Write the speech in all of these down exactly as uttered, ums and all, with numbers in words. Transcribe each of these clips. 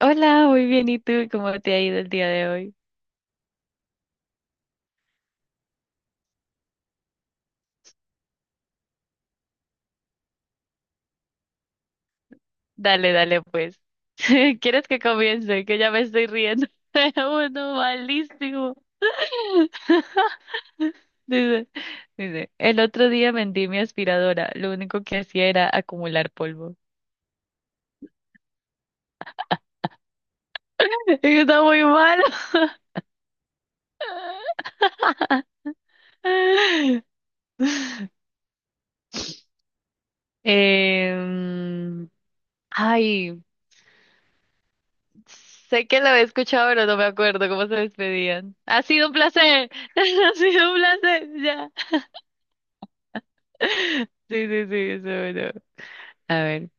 Hola, muy bien. ¿Y tú cómo te ha ido el día de hoy? Dale, dale, pues. ¿Quieres que comience? Que ya me estoy riendo. Uno malísimo. Dice, dice, el otro día vendí mi aspiradora. Lo único que hacía era acumular polvo. Está muy malo. Em, ay, sé que lo he escuchado, pero no me acuerdo cómo se despedían. Ha sido un placer. Ha sido un placer. Ya. Sí, sí, sí, eso, bueno. A ver.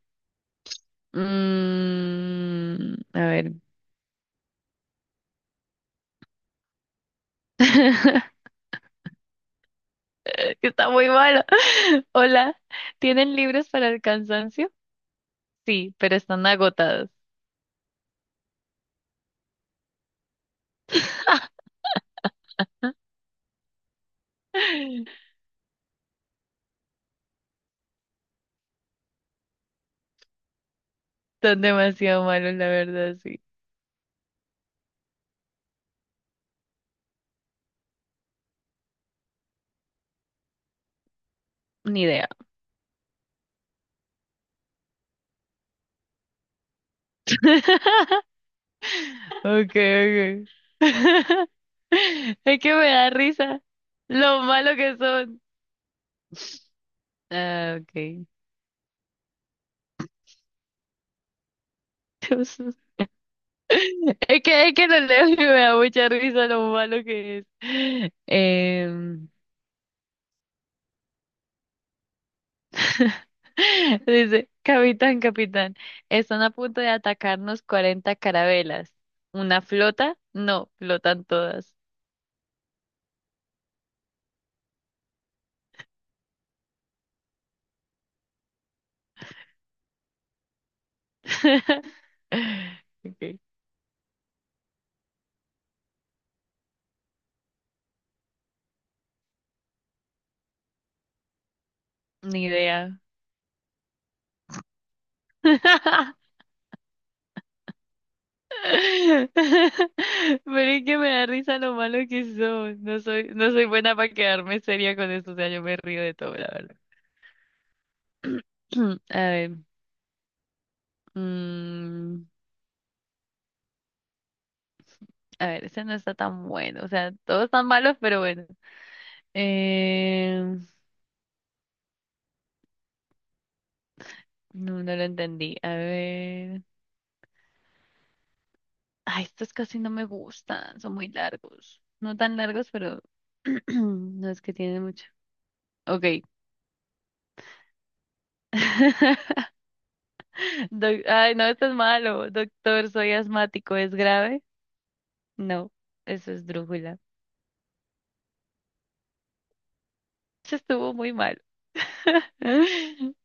Mm, a ver. Que está muy malo. Hola, ¿tienen libros para el cansancio? Sí, pero están agotados. Están demasiado malos, la verdad, sí. Ni idea. Okay, okay. Es que me da risa lo malo que son. Ah, okay. Es que, es que lo leo y me da mucha risa lo malo que es. Em, Dice, capitán, capitán, están a punto de atacarnos cuarenta carabelas. ¿Una flota? No, flotan todas. Ok, ni idea. Pero es que me da risa lo malo que son. No soy, no soy buena para quedarme seria con esto, o sea, yo me río de todo, la verdad. A ver. Mm, a ver, ese no está tan bueno. O sea, todos están malos, pero bueno. Eh, no, no lo entendí. A ver. Ay, estos casi no me gustan. Son muy largos. No tan largos, pero no es que tienen mucho. Ok. Doc- Ay, no, esto es malo. Doctor, soy asmático. ¿Es grave? No, eso es drújula. Eso estuvo muy mal.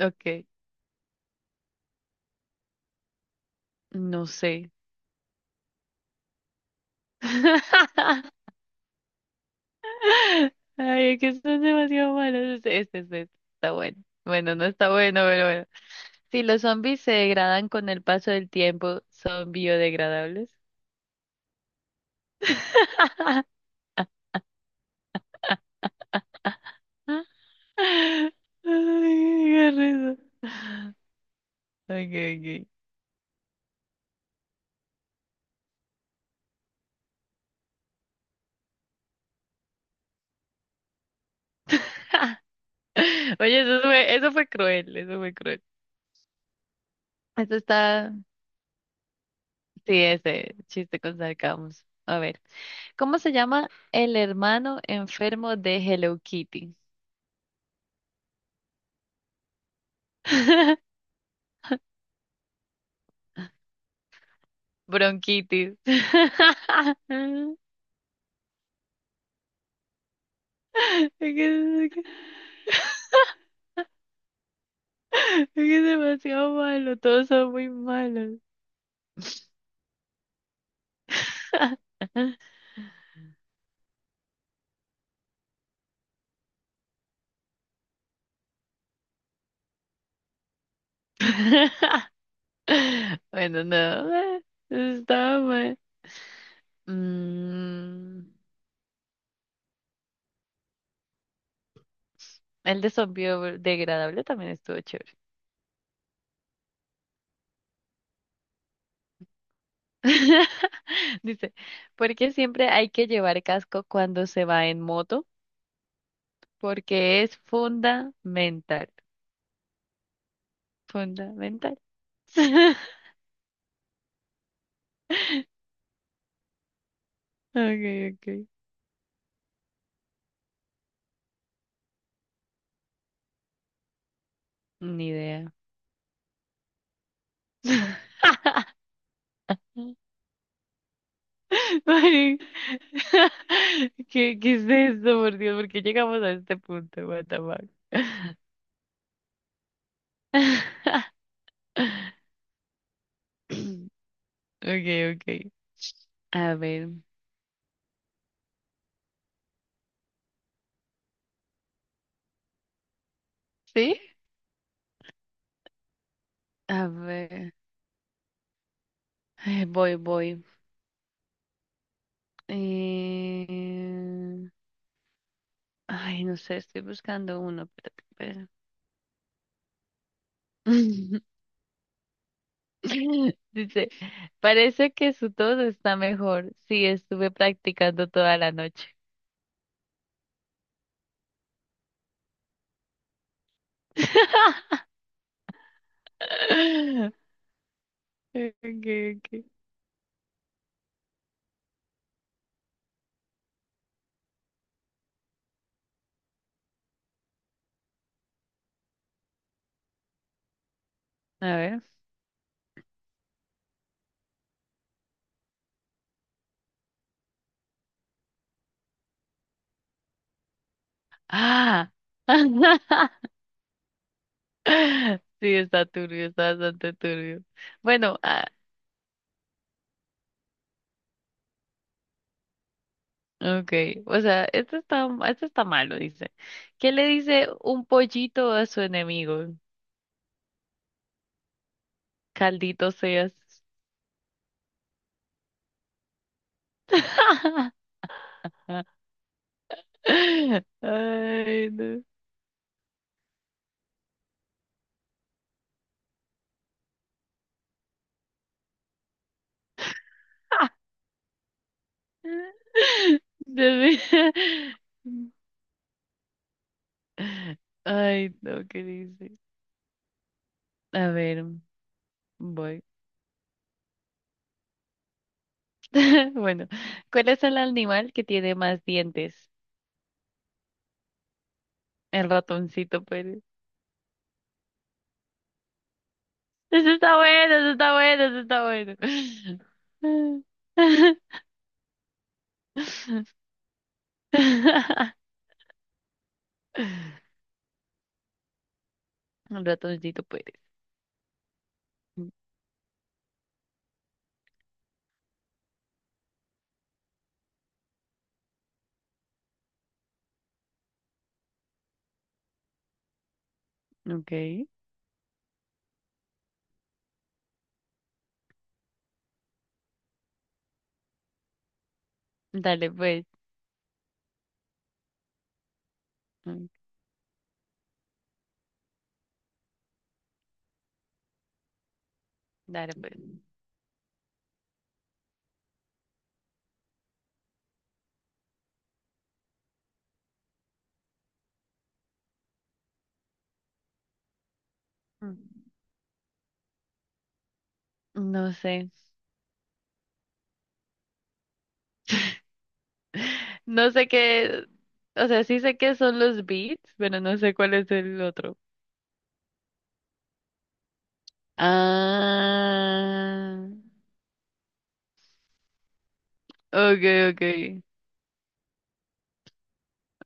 Ok, no sé. Ay, es que están demasiado malos. Este, este, este está bueno. Bueno, no está bueno, pero bueno. Si los zombies se degradan con el paso del tiempo, ¿son biodegradables? Ay, qué risa. Okay, okay. Oye, eso fue, eso fue cruel, eso fue cruel. Eso está, sí, ese chiste con sarcasmo. A ver, ¿cómo se llama el hermano enfermo de Hello Kitty? Bronquitis. Es que, es que- es que es demasiado malo, todos son muy malos. Bueno, no, eh, estaba mal. Mm, el de zombie degradable también estuvo chévere. Dice, ¿por qué siempre hay que llevar casco cuando se va en moto? Porque es fundamental. Fundamental. Okay, okay. Ni idea. Mari, ¿Qué, qué es esto, por Dios? ¿Por qué llegamos a este punto? What the fuck? Okay, okay. A ver, ¿sí? A ver. Ay, voy, voy. Eh, Ay, no sé, estoy buscando uno. Espérate, espera. Dice, parece que su tos está mejor. Sí, estuve practicando toda la noche. Okay, okay. A ver. Ah. Sí, está turbio, está bastante turbio. Bueno, ah, okay. O sea, esto está, esto está malo, dice. ¿Qué le dice un pollito a su enemigo? Caldito seas. Ay, no. De ver- Ay, no, ¿qué dice? A ver, voy. Bueno, ¿cuál es el animal que tiene más dientes? El ratoncito Pérez. Eso está bueno, eso está bueno, eso está bueno. Un ratoncito Pérez. Ok, dale pues. Dale pues. No sé. No sé qué, o sea, sí sé qué son los beats, pero no sé cuál es el otro. Ah, okay, okay,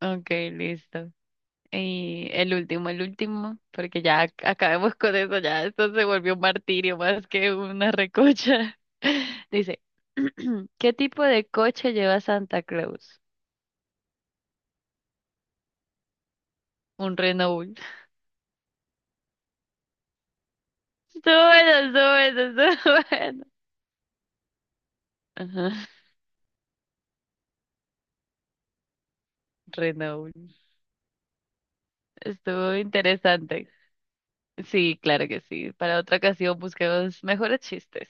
okay, listo. Y el último, el último, porque ya ac- acabemos con eso, ya esto se volvió un martirio más que una recocha. Dice, ¿qué tipo de coche lleva Santa Claus? Un Renault. Estuvo bueno, estuvo bueno, estuvo bueno. Ajá, Renault. Estuvo interesante. Sí, claro que sí. Para otra ocasión busquemos mejores chistes.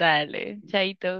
Dale, chaito.